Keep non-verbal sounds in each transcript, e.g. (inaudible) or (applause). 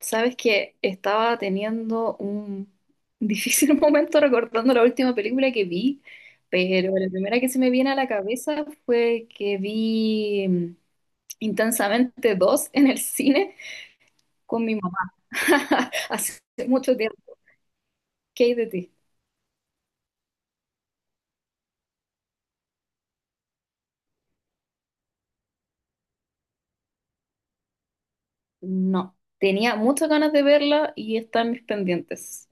Sabes que estaba teniendo un difícil (laughs) momento recordando la última película que vi, pero la primera que se me viene a la cabeza fue que vi Intensamente dos en el cine con mi mamá. (laughs) Hace mucho tiempo. ¿Qué hay de ti? No, tenía muchas ganas de verla y está en mis pendientes.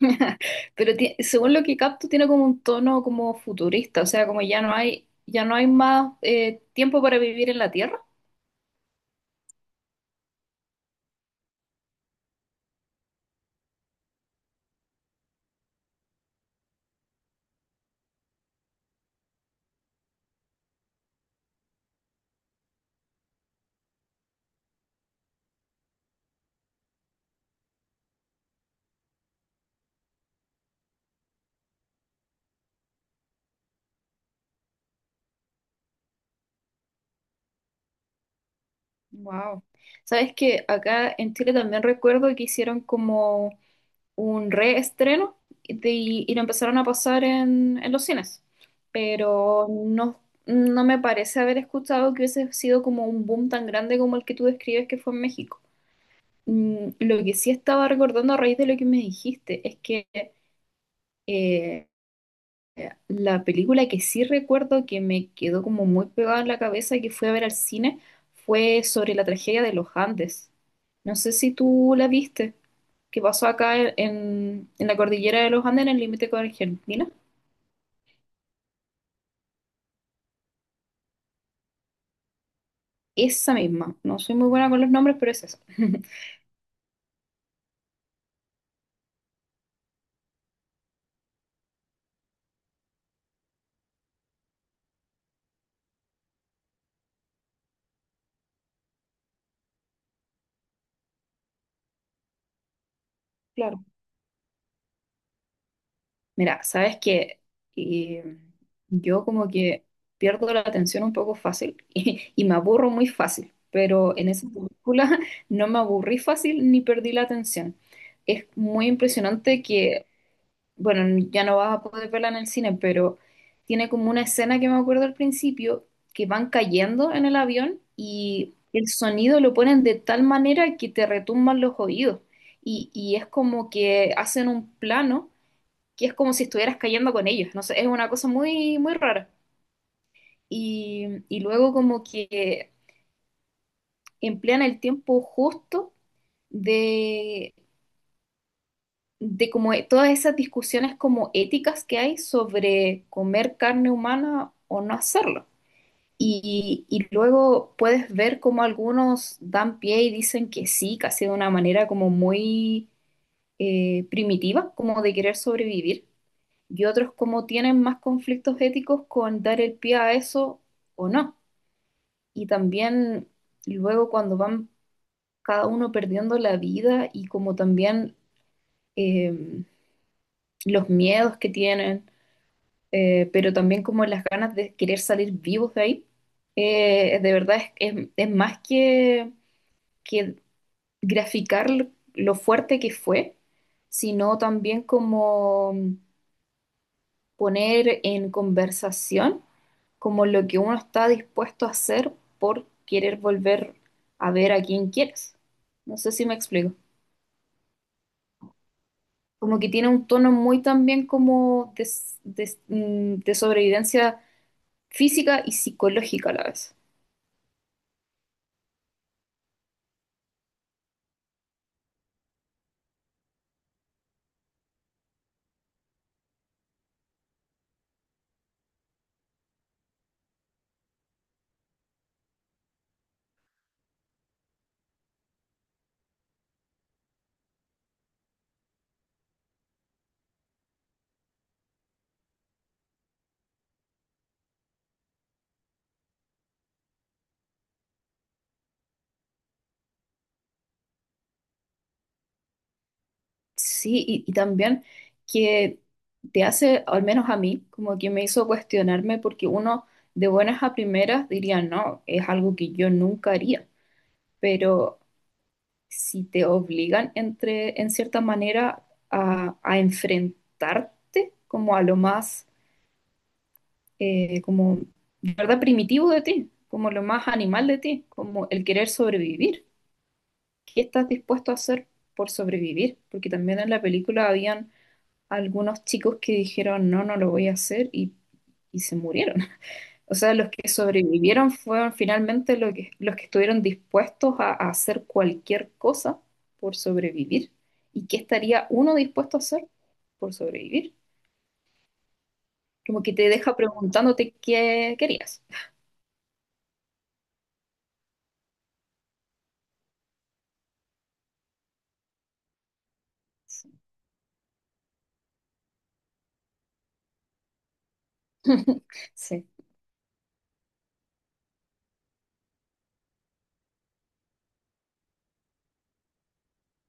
(laughs) Pero según lo que capto, tiene como un tono como futurista, o sea, como ya no hay más tiempo para vivir en la Tierra. Wow. Sabes que acá en Chile también recuerdo que hicieron como un reestreno y lo empezaron a pasar en los cines, pero no, no me parece haber escuchado que hubiese sido como un boom tan grande como el que tú describes que fue en México. Mm, lo que sí estaba recordando a raíz de lo que me dijiste es que eh, la película que sí recuerdo que me quedó como muy pegada en la cabeza que fui a ver al cine fue sobre la tragedia de los Andes. No sé si tú la viste, que pasó acá en la cordillera de los Andes, en el límite con Argentina. Esa misma. No soy muy buena con los nombres, pero es esa. (laughs) Claro. Mira, sabes que yo como que pierdo la atención un poco fácil (laughs) y me aburro muy fácil, pero en esa película (laughs) no me aburrí fácil ni perdí la atención. Es muy impresionante que, bueno, ya no vas a poder verla en el cine, pero tiene como una escena que me acuerdo al principio, que van cayendo en el avión y el sonido lo ponen de tal manera que te retumban los oídos y es como que hacen un plano que es como si estuvieras cayendo con ellos, no sé, es una cosa muy, muy rara. Y luego como que emplean el tiempo justo de, de como todas esas discusiones como éticas que hay sobre comer carne humana o no hacerlo. Y luego puedes ver como algunos dan pie y dicen que sí, casi de una manera como muy primitiva, como de querer sobrevivir y otros como tienen más conflictos éticos con dar el pie a eso o no. Y también luego cuando van cada uno perdiendo la vida y como también eh, los miedos que tienen, pero también como las ganas de querer salir vivos de ahí, de verdad es más que graficar lo fuerte que fue, sino también como poner en conversación como lo que uno está dispuesto a hacer por querer volver a ver a quien quieres. No sé si me explico. Como que tiene un tono muy también como de, de sobrevivencia física y psicológica a la vez. Sí, y también que te hace, al menos a mí, como que me hizo cuestionarme porque uno de buenas a primeras diría, no, es algo que yo nunca haría, pero si te obligan entre, en cierta manera a enfrentarte como a lo más, como, de ¿verdad? Primitivo de ti, como lo más animal de ti, como el querer sobrevivir. ¿Qué estás dispuesto a hacer por sobrevivir? Porque también en la película habían algunos chicos que dijeron, no, no lo voy a hacer y se murieron. O sea, los que sobrevivieron fueron finalmente los que estuvieron dispuestos a hacer cualquier cosa por sobrevivir. ¿Y qué estaría uno dispuesto a hacer por sobrevivir? Como que te deja preguntándote qué querías. Sí, (laughs) sí,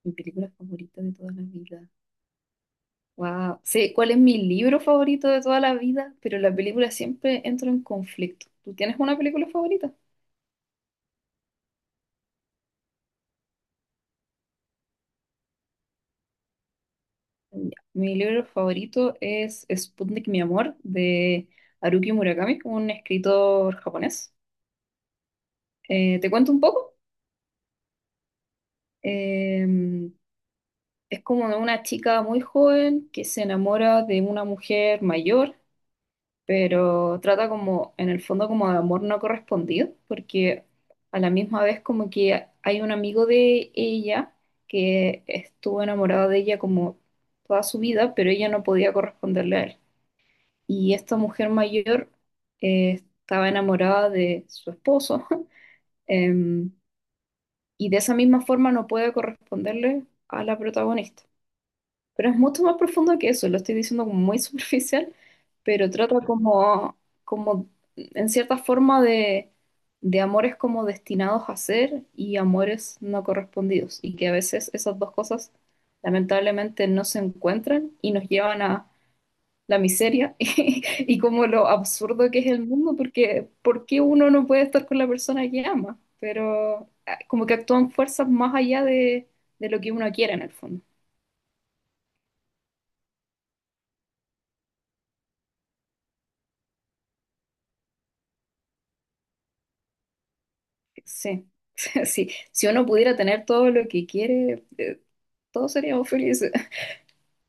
mi película favorita de toda la vida. Wow. Sé cuál es mi libro favorito de toda la vida, pero la película siempre entra en conflicto. ¿Tú tienes una película favorita? Ya. Mi libro favorito es Sputnik, mi amor, de Haruki Murakami, un escritor japonés. Te cuento un poco. Eh, es como de una chica muy joven que se enamora de una mujer mayor, pero trata como, en el fondo, como de amor no correspondido, porque a la misma vez como que hay un amigo de ella que estuvo enamorado de ella como toda su vida, pero ella no podía corresponderle a él. Y esta mujer mayor eh, estaba enamorada de su esposo, (laughs) em, y de esa misma forma no puede corresponderle a la protagonista. Pero es mucho más profundo que eso, lo estoy diciendo como muy (laughs) superficial, pero trata como, como en cierta forma de amores como destinados a ser y amores no correspondidos, y que a veces esas dos cosas lamentablemente no se encuentran y nos llevan a la miseria (laughs) y como lo absurdo que es el mundo, porque ¿por qué uno no puede estar con la persona que ama? Pero ah, como que actúan fuerzas más allá de lo que uno quiere en el fondo. Sí, (laughs) sí. Si uno pudiera tener todo lo que quiere, todos seríamos felices. (laughs)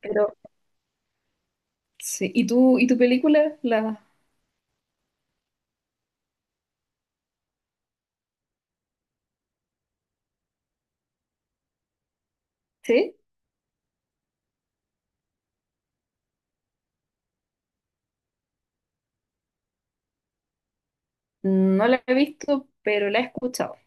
Pero sí. ¿Y tú, y tu película? La, ¿sí? No la he visto, pero la he escuchado.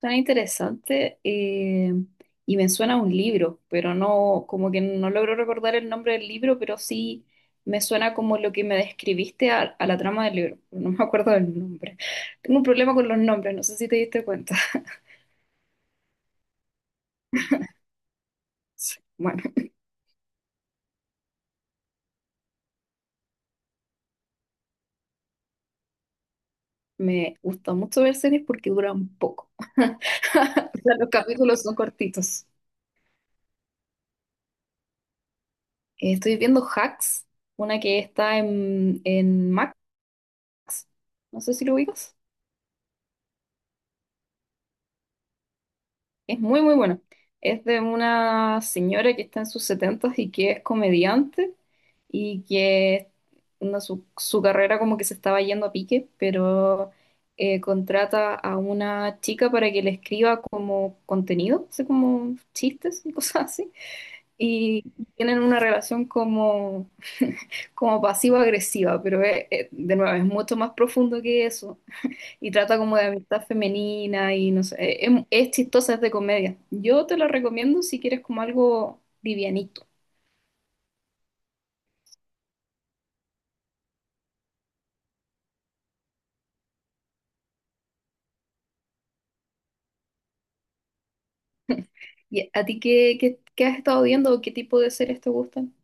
Suena interesante y me suena a un libro, pero no, como que no logro recordar el nombre del libro, pero sí me suena como lo que me describiste a la trama del libro. No me acuerdo del nombre. (laughs) Tengo un problema con los nombres, no sé si te diste cuenta. (laughs) Bueno, me gusta mucho ver series porque duran poco. (laughs) O sea, los capítulos son cortitos. Estoy viendo Hacks, una que está en Max. No sé si lo ubicas. Es muy, muy bueno. Es de una señora que está en sus setentas y que es comediante y que no, su carrera como que se estaba yendo a pique, pero contrata a una chica para que le escriba como contenido, así como chistes y (laughs) cosas así. Y tienen una relación como, como pasivo-agresiva, pero de nuevo es mucho más profundo que eso y trata como de amistad femenina y no sé, es chistosa, es de comedia. Yo te la recomiendo si quieres como algo livianito. ¿Y a ti qué, qué has estado viendo o qué tipo de series te gustan?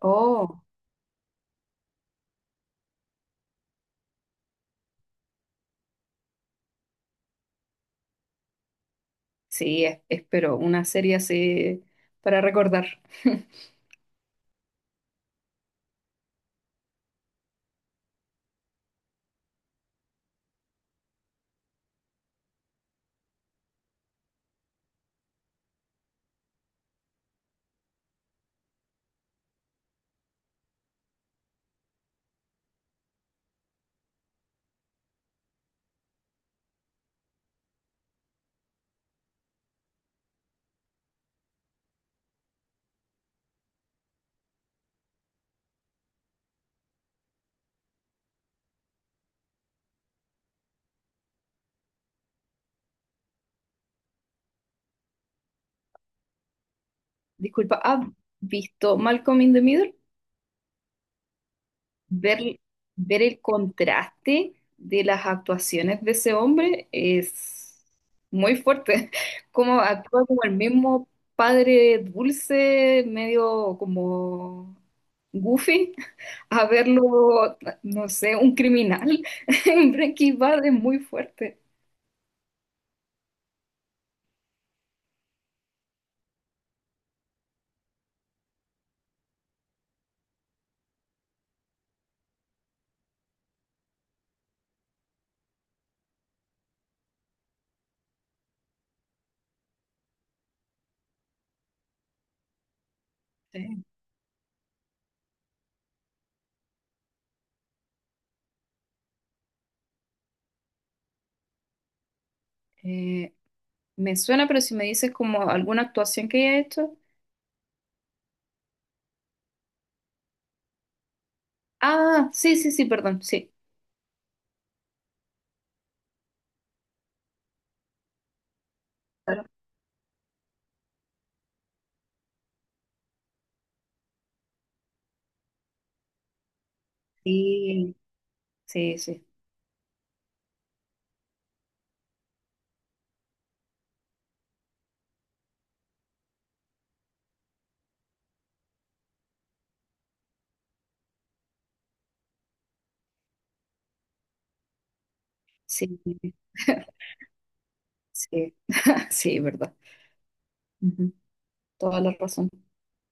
Oh, sí, espero una serie así para recordar. Disculpa, ¿has visto Malcolm in the Middle? ver, Ver el contraste de las actuaciones de ese hombre es muy fuerte. (laughs) Como actúa como el mismo padre dulce, medio como goofy, (laughs) a verlo, no sé, un criminal (laughs) en Breaking Bad es muy fuerte. Sí. Eh, Me suena, pero si me dices como alguna actuación que haya hecho. Ah, sí, sí, sí, perdón, sí. Claro. Sí, sí, sí, sí. (laughs) Sí, sí, verdad. Ujú. Toda la razón.